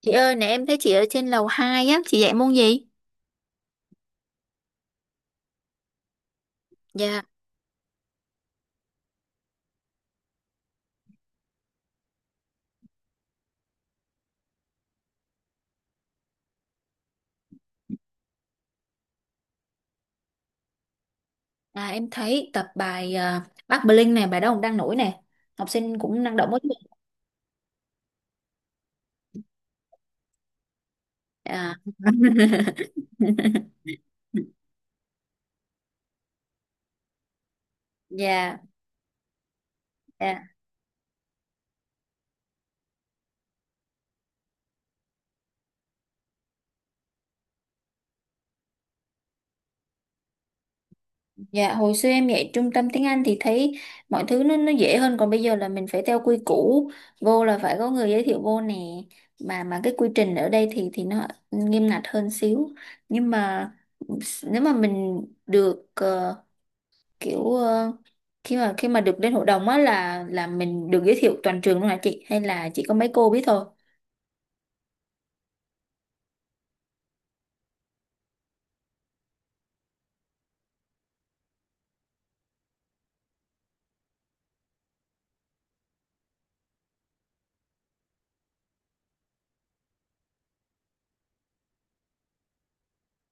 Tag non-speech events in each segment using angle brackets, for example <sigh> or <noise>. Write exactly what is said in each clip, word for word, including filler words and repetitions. Chị ơi, nè em thấy chị ở trên lầu hai á, chị dạy môn gì? Dạ. À, em thấy tập bài à, Bắc Bling này, bài đó cũng đang nổi nè. Học sinh cũng năng động quá chứ. À. <laughs> Dạ, dạ, dạ, hồi xưa em dạy trung tâm tiếng Anh thì thấy mọi thứ nó nó dễ hơn, còn bây giờ là mình phải theo quy củ, vô là phải có người giới thiệu vô nè. Mà mà cái quy trình ở đây thì thì nó nghiêm ngặt hơn xíu. Nhưng mà nếu mà mình được ờ, kiểu ờ, khi mà khi mà được lên hội đồng á là là mình được giới thiệu toàn trường luôn hả chị, hay là chỉ có mấy cô biết thôi?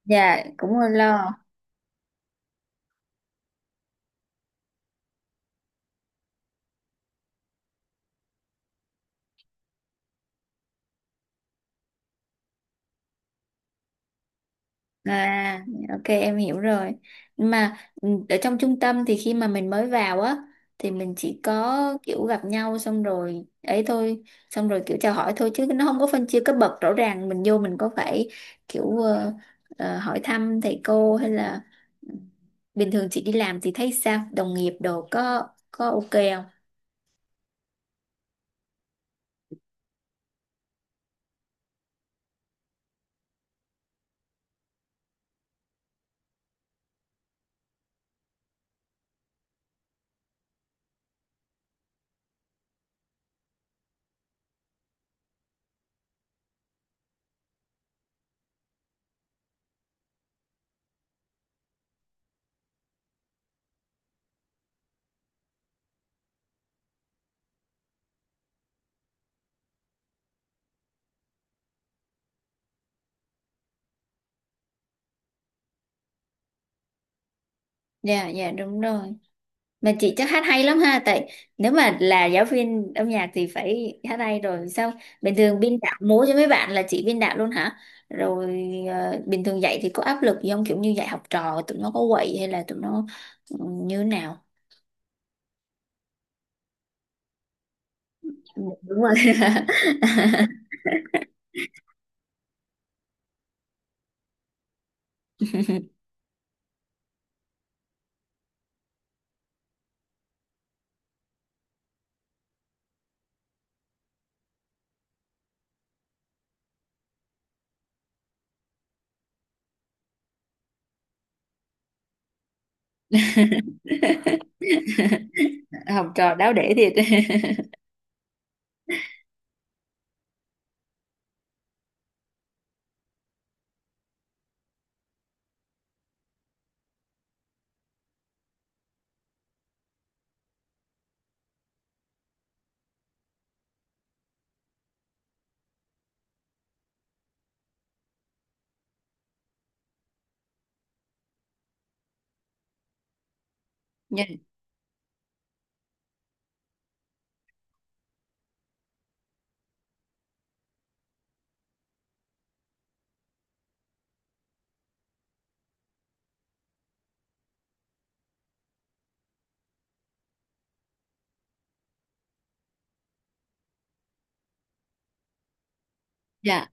Dạ, cũng hơi lo. À, ok, em hiểu rồi. Mà ừ, ở trong trung tâm thì khi mà mình mới vào á, thì mình chỉ có kiểu gặp nhau xong rồi ấy thôi, xong rồi kiểu chào hỏi thôi chứ nó không có phân chia cấp bậc rõ ràng. Mình vô mình có phải kiểu ờ, ờ, hỏi thăm thầy cô hay là, ừ, bình thường chị đi làm thì thấy sao, đồng nghiệp đồ có có ok không? Dạ, dạ, đúng rồi. Mà chị chắc hát hay lắm ha. Tại nếu mà là giáo viên âm nhạc thì phải hát hay rồi. Sao bình thường biên đạo múa cho mấy bạn là chị biên đạo luôn hả? Rồi ờ, bình thường dạy thì có áp lực gì không? Kiểu như dạy học trò tụi nó có quậy hay là tụi nó ừ, như thế nào? Đúng rồi. <laughs> Học trò đáo để thiệt. <laughs> Dạ, dạ.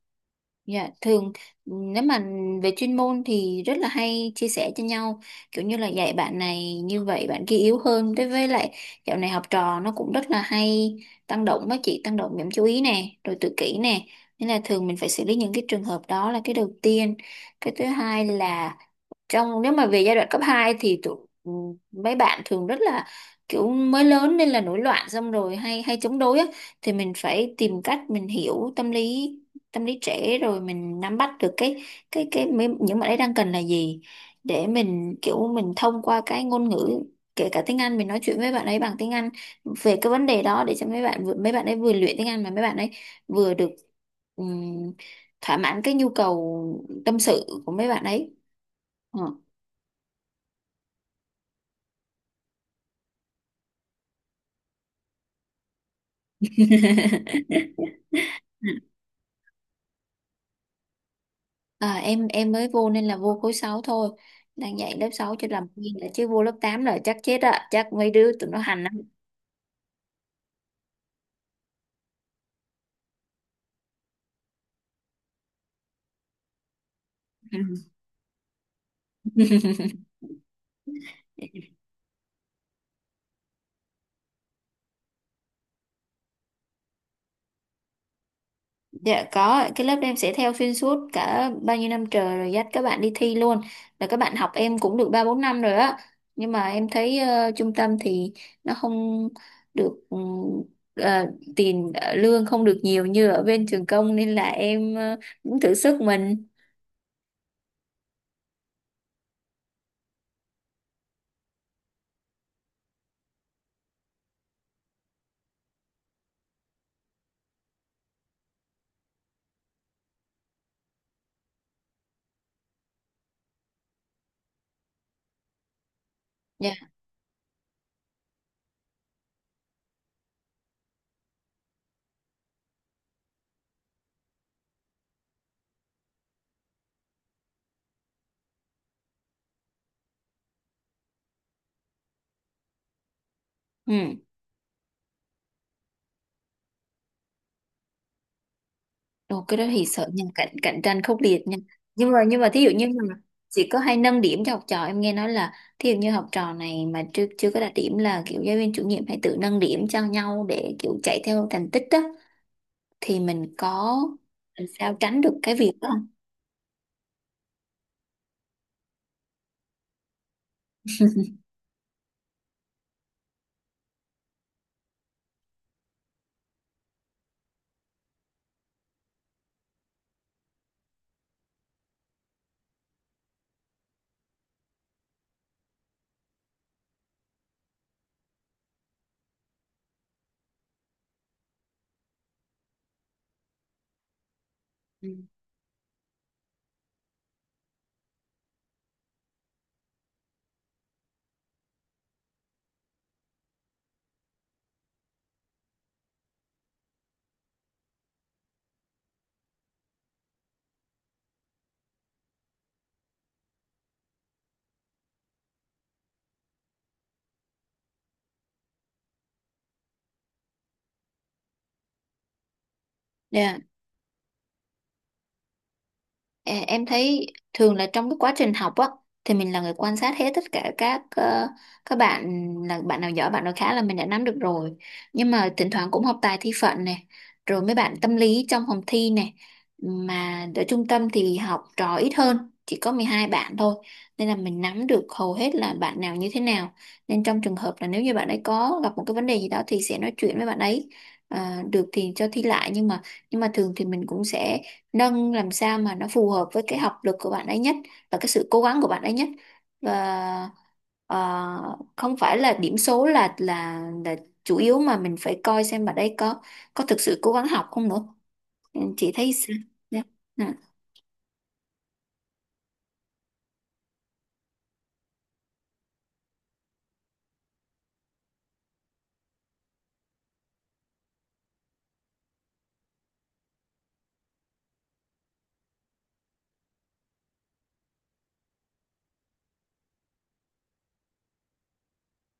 Dạ, thường nếu mà về chuyên môn thì rất là hay chia sẻ cho nhau, kiểu như là dạy bạn này như vậy, bạn kia yếu hơn. Đối với lại dạo này học trò nó cũng rất là hay tăng động. Với chị, tăng động điểm chú ý nè, rồi tự kỷ nè, nên là thường mình phải xử lý những cái trường hợp đó là cái đầu tiên. Cái thứ hai là, trong nếu mà về giai đoạn cấp hai thì tụi, ừ, mấy bạn thường rất là kiểu mới lớn nên là nổi loạn, xong rồi hay hay chống đối á, thì mình phải tìm cách mình hiểu tâm lý, tâm lý trẻ, rồi mình nắm bắt được cái cái cái mấy- những bạn ấy đang cần là gì, để mình kiểu mình thông qua cái ngôn ngữ, kể cả tiếng Anh, mình nói chuyện với bạn ấy bằng tiếng Anh về cái vấn đề đó, để cho mấy bạn vừa- mấy bạn ấy vừa luyện tiếng Anh mà mấy bạn ấy vừa được ừm, thỏa mãn cái nhu cầu tâm sự của mấy bạn ấy. Ờ. <laughs> À, em em mới vô nên là vô khối sáu thôi, đang dạy lớp sáu cho làm quen đã, chứ vô lớp tám là chắc chết ạ, chắc mấy đứa tụi nó hành lắm. <laughs> Ừ. Dạ, có, cái lớp em sẽ theo xuyên suốt cả bao nhiêu năm trời, rồi dắt các bạn đi thi luôn. Là các bạn học em cũng được ba bốn năm rồi á. Nhưng mà em thấy ờ, trung tâm thì nó không được ừ, ờ, tiền ờ, lương không được nhiều như ở bên trường công, nên là em ờ, cũng thử sức mình. Dạ. Ừ. Ồ, cái đó thì sợ nha, cạnh cạnh tranh khốc liệt nha. Nhưng mà nhưng mà thí dụ như mà chỉ có hay nâng điểm cho học trò, em nghe nói là thí dụ như học trò này mà chưa chưa có đạt điểm là kiểu giáo viên chủ nhiệm hay tự nâng điểm cho nhau để kiểu chạy theo thành tích đó, thì mình có làm sao tránh được cái việc đó không? Ừ. Dạ. Ờ, em thấy thường là trong cái quá trình học á, thì mình là người quan sát hết tất cả các ờ, các bạn. Là bạn nào giỏi, bạn nào khá là mình đã nắm được rồi, nhưng mà thỉnh thoảng cũng học tài thi phận này, rồi mấy bạn tâm lý trong phòng thi này. Mà ở trung tâm thì học trò ít hơn, chỉ có mười hai bạn thôi, nên là mình nắm được hầu hết là bạn nào như thế nào. Nên trong trường hợp là nếu như bạn ấy có gặp một cái vấn đề gì đó thì sẽ nói chuyện với bạn ấy. Ờ, được thì cho thi lại, nhưng mà nhưng mà thường thì mình cũng sẽ nâng làm sao mà nó phù hợp với cái học lực của bạn ấy nhất, và cái sự cố gắng của bạn ấy nhất. Và ờ, không phải là điểm số là là là chủ yếu, mà mình phải coi xem bạn ấy có có thực sự cố gắng học không nữa. Ừ, chị thấy sao? Dạ. Ừ.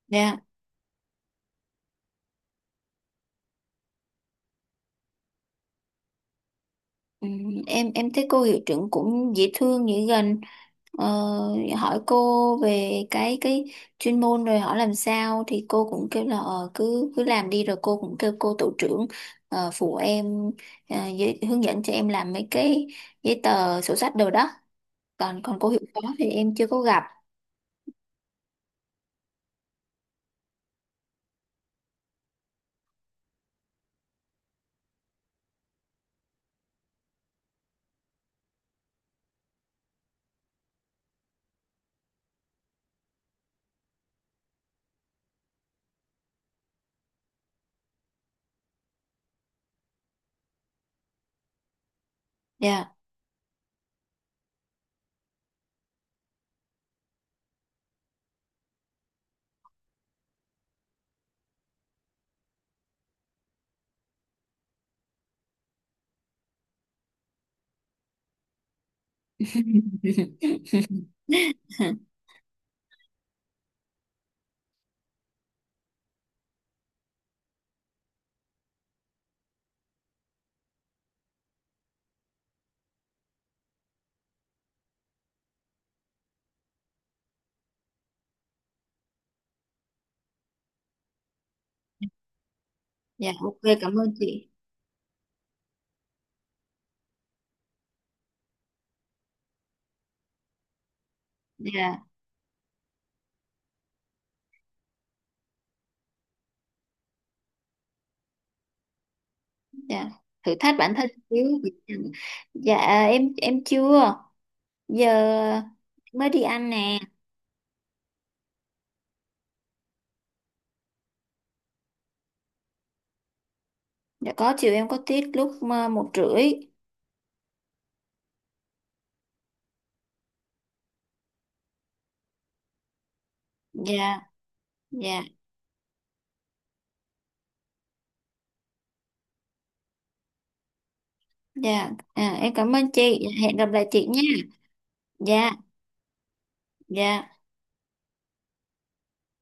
Dạ. Ừ, em em thấy cô hiệu trưởng cũng dễ thương, dễ gần. ờ, Hỏi cô về cái cái chuyên môn, rồi hỏi làm sao thì cô cũng kêu là ờ, cứ cứ làm đi, rồi cô cũng kêu cô tổ trưởng ờ, phụ em, ờ, giới, hướng dẫn cho em làm mấy cái giấy tờ sổ sách đồ đó. Còn còn cô hiệu phó thì em chưa có gặp. Dạ. <laughs> Dạ, ok, cảm ơn chị. Dạ. Dạ, thử thách bản thân xíu. Dạ, em em chưa, giờ mới đi ăn nè. Dạ, có, chiều em có tiết lúc ờ, một rưỡi. Dạ. Dạ. Dạ, à, em cảm ơn chị. Dạ, hẹn gặp lại chị nha. Dạ. Dạ.